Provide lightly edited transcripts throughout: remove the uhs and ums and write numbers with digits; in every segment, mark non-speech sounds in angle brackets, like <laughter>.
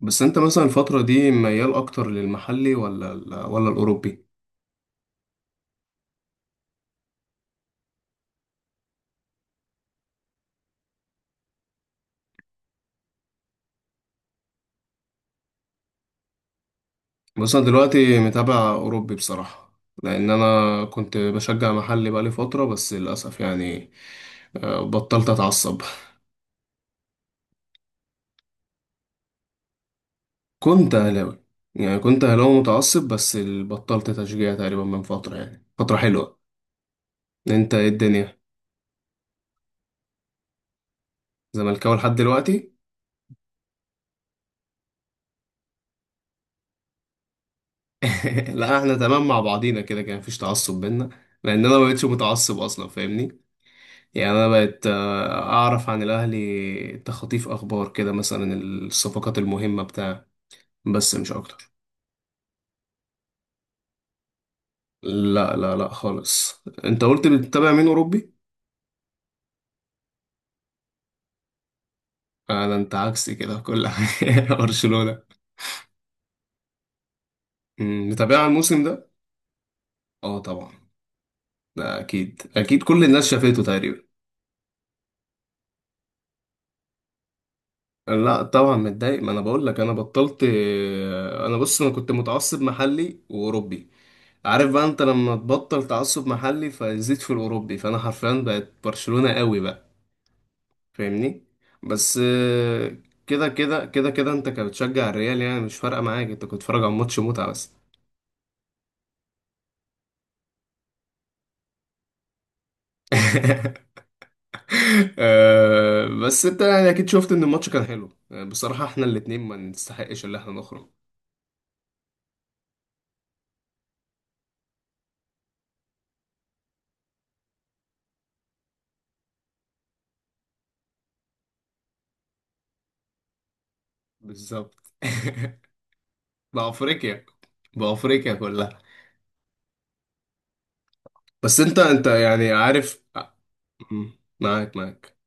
بس انت مثلا الفترة دي ميال اكتر للمحلي ولا ولا الاوروبي؟ بس انا دلوقتي متابع اوروبي بصراحة. لان انا كنت بشجع محلي بقالي فترة بس للاسف يعني بطلت اتعصب. كنت اهلاوي، يعني كنت اهلاوي متعصب بس بطلت تشجيع تقريبا من فترة يعني فترة حلوة. انت ايه الدنيا؟ زملكاوي لحد دلوقتي. <laughs> لا احنا تمام مع بعضينا كده، كان مفيش تعصب بينا. لان انا ما بقتش متعصب اصلا فاهمني. يعني أنا بقت أعرف عن الأهلي تخطيف أخبار كده، مثلا الصفقات المهمة بتاع. بس مش أكتر. لا لا لا خالص، أنت قلت بتتابع مين؟ أوروبي؟ آه ده أنت عكسي كده في كل حاجة. <laughs> برشلونة. متابعها الموسم ده؟ أه طبعا، ده أكيد أكيد كل الناس شافته تقريبا. لا طبعا متضايق، ما أنا بقول لك أنا بطلت. أنا بص أنا كنت متعصب محلي وأوروبي. عارف بقى انت لما تبطل تعصب محلي فيزيد في الاوروبي، فانا حرفيا بقت برشلونة قوي بقى، فاهمني. بس كده كده كده كده انت كنت بتشجع الريال يعني مش فارقه معاك، انت كنت بتتفرج على ماتش متعه بس. <laughs> بس انت يعني اكيد شفت ان الماتش كان حلو. بصراحه احنا الاتنين ما نستحقش اللي احنا نخرج. بالظبط. <laughs> بافريقيا، بافريقيا كلها. بس انت يعني عارف. م، معاك معاك.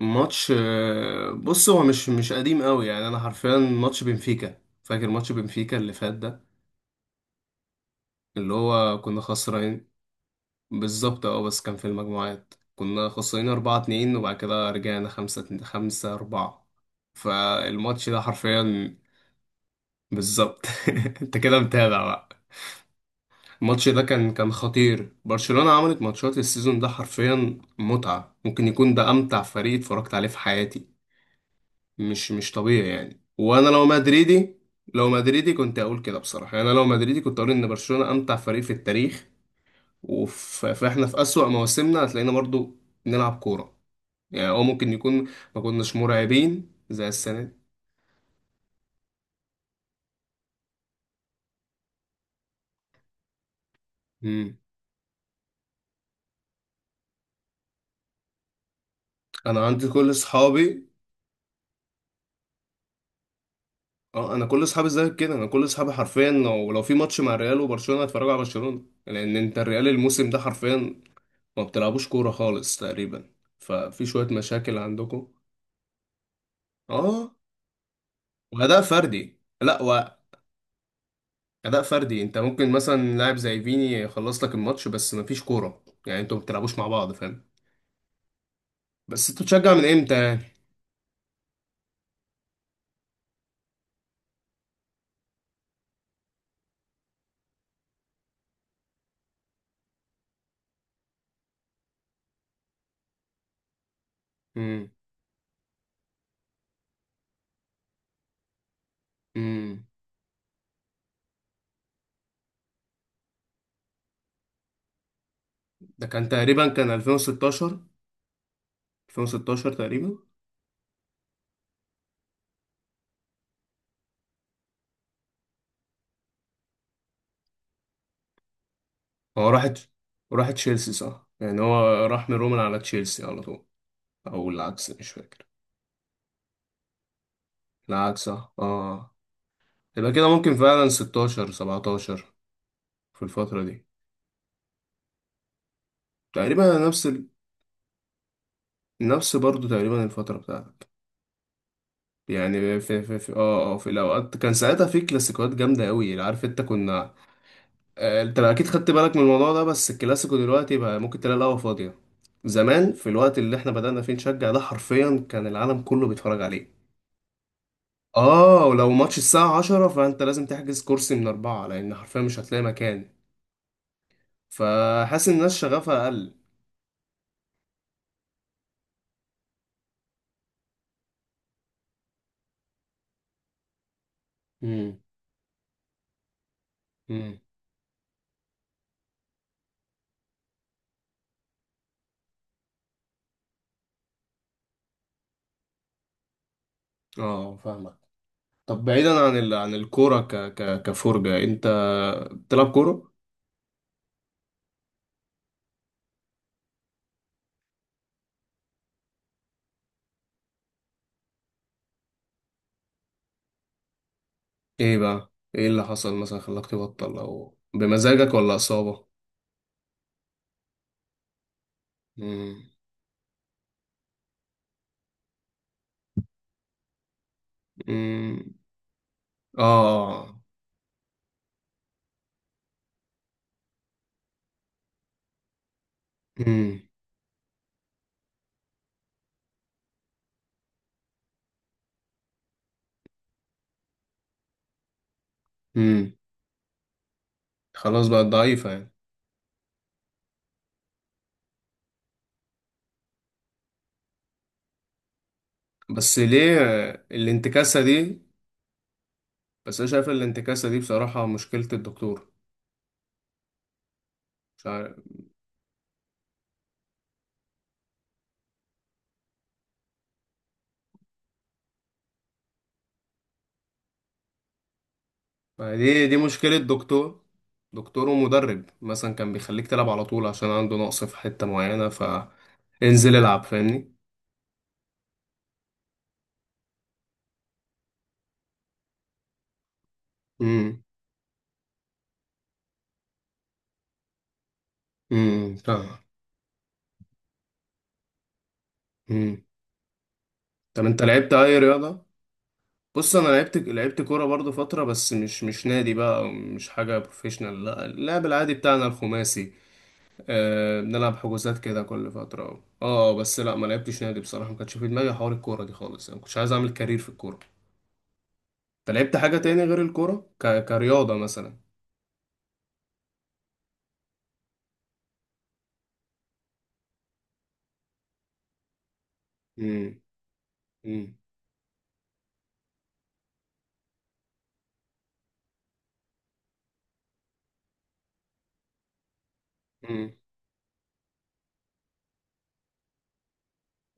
ماتش بص هو مش قديم قوي، يعني انا حرفيا ماتش بنفيكا، فاكر ماتش بنفيكا اللي فات ده اللي هو كنا خسرانين. بالظبط اه، بس كان في المجموعات كنا خسرانين 4 2 وبعد كده رجعنا 5 5 4. فالماتش ده حرفيا. بالظبط. <laughs> انت كده متابع بقى. الماتش ده كان خطير، برشلونة عملت ماتشات السيزون ده حرفيا متعة، ممكن يكون ده امتع فريق اتفرجت عليه في حياتي. مش طبيعي يعني، وانا لو مدريدي، لو مدريدي كنت اقول كده بصراحه، يعني انا لو مدريدي كنت اقول ان برشلونه امتع فريق في التاريخ. فاحنا في اسوأ مواسمنا هتلاقينا برضو نلعب كوره، يعني او ممكن يكون ما كناش مرعبين زي السنه دي. مم. انا عندي كل اصحابي. اه انا كل اصحابي زي كده، انا كل اصحابي حرفيا لو في ماتش مع الريال وبرشلونه هتفرجوا على برشلونه، لان انت الريال الموسم ده حرفيا ما بتلعبوش كوره خالص تقريبا، ففي شويه مشاكل عندكم. اه وأداء فردي، لا وأداء فردي، أنت ممكن مثلا لاعب زي فيني يخلص لك الماتش بس مفيش كورة، يعني أنتوا ما بتلعبوش مع بعض فاهم. بس أنتوا بتشجع من إمتى يعني؟ امم. امم. ده كان تقريبا كان 2016، 2016 تقريبا. هو راحت، راح تشيلسي صح؟ يعني هو راح من روما على تشيلسي على طول، أو العكس مش فاكر. العكس صح آه. يبقى كده ممكن فعلا 16 17 في الفترة دي. تقريبا نفس ال... نفس برضه تقريبا الفترة بتاعتك، يعني في في الاوقات كان ساعتها في كلاسيكوات جامده قوي عارف انت كنا. انت اكيد خدت بالك من الموضوع ده، بس الكلاسيكو دلوقتي بقى ممكن تلاقي القهوه فاضيه. زمان في الوقت اللي احنا بدأنا فيه نشجع، ده حرفيا كان العالم كله بيتفرج عليه. اه، ولو ماتش الساعه 10 فانت لازم تحجز كرسي من اربعه، لان حرفيا مش هتلاقي مكان. فحاسس ان الناس شغفها اقل. امم. امم. اه فاهمك. طب بعيدا عن عن الكوره كفرجه، انت بتلعب كوره؟ ايه بقى؟ ايه اللي حصل مثلا خلاك تبطل؟ او بمزاجك ولا اصابة؟ امم. امم. اه. امم. امم. خلاص بقت ضعيفة يعني. بس ليه الانتكاسة دي؟ بس انا شايف الانتكاسة دي بصراحة مشكلة الدكتور. مش عارف، ما دي مشكلة دكتور، دكتور ومدرب مثلا كان بيخليك تلعب على طول عشان عنده نقص في حتة معينة، فانزل العب فاهمني. امم. فاهم. امم. طب انت لعبت اي رياضة؟ بص انا لعبت كوره برضو فتره، بس مش نادي بقى، أو مش حاجه بروفيشنال، لا اللعب العادي بتاعنا الخماسي. أه بنلعب حجوزات كده كل فتره اه، بس لا ما لعبتش نادي بصراحه، ما كانش في دماغي حوار الكوره دي خالص، انا ما كنتش عايز اعمل كارير في الكوره. انت لعبت حاجه تاني غير الكوره كرياضه مثلا؟ امم. امم. امم.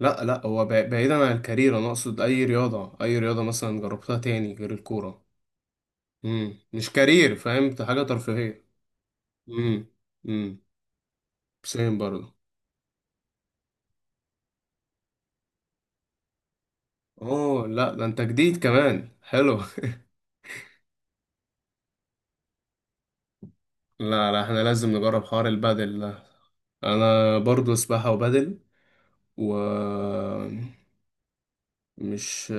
لا لا، هو بعيدا عن الكارير، انا اقصد اي رياضه، اي رياضه مثلا جربتها تاني غير الكوره. امم، مش كارير، فهمت، حاجه ترفيهيه. امم. امم. سيم برضو. اوه لا، ده انت جديد كمان، حلو. <laughs> لا لا احنا لازم نجرب حوار البادل ده. انا برضو سباحة وبادل. و... مش...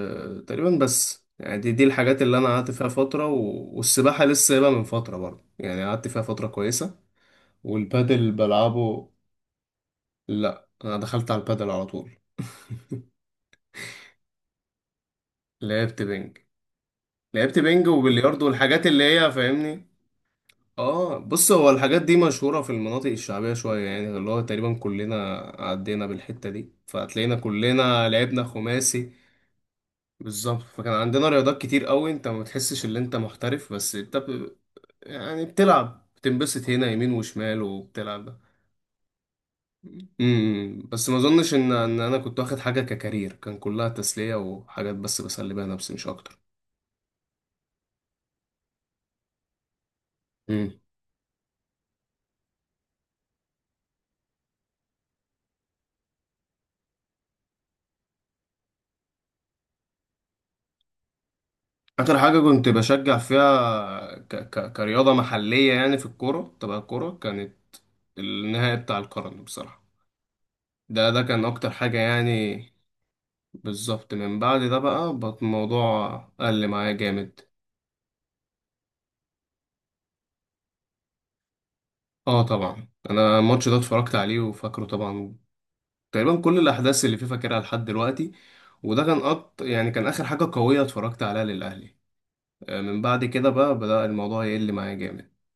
تقريبا بس، يعني دي الحاجات اللي انا قعدت فيها فترة و... والسباحة لسه سايبها من فترة برضو، يعني قعدت فيها فترة كويسة، والبادل بلعبه. لا انا دخلت على البادل على طول. لعبت بينج. لعبت بينج وبلياردو والحاجات اللي هي فاهمني. اه بص هو الحاجات دي مشهورة في المناطق الشعبية شوية، يعني اللي هو تقريبا كلنا عدينا بالحتة دي، فهتلاقينا كلنا لعبنا خماسي. بالظبط. فكان عندنا رياضات كتير قوي، انت ما بتحسش ان انت محترف بس انت ب... يعني بتلعب بتنبسط هنا يمين وشمال، وبتلعب ده. امم، بس ما اظنش ان انا كنت واخد حاجة ككارير، كان كلها تسلية وحاجات بس بسلي بيها نفسي مش اكتر. آخر حاجة كنت بشجع فيها كرياضة محلية يعني في الكورة، تبع الكورة كانت النهائي بتاع القرن بصراحة. ده ده كان أكتر حاجة يعني. بالظبط، من بعد ده بقى الموضوع قل معايا جامد. اه طبعا أنا الماتش ده اتفرجت عليه وفاكره طبعا، تقريبا كل الأحداث اللي فيه فاكرها لحد دلوقتي. وده كان يعني كان آخر حاجة قوية اتفرجت عليها للأهلي. من بعد كده بقى بدأ الموضوع يقل معايا جامد.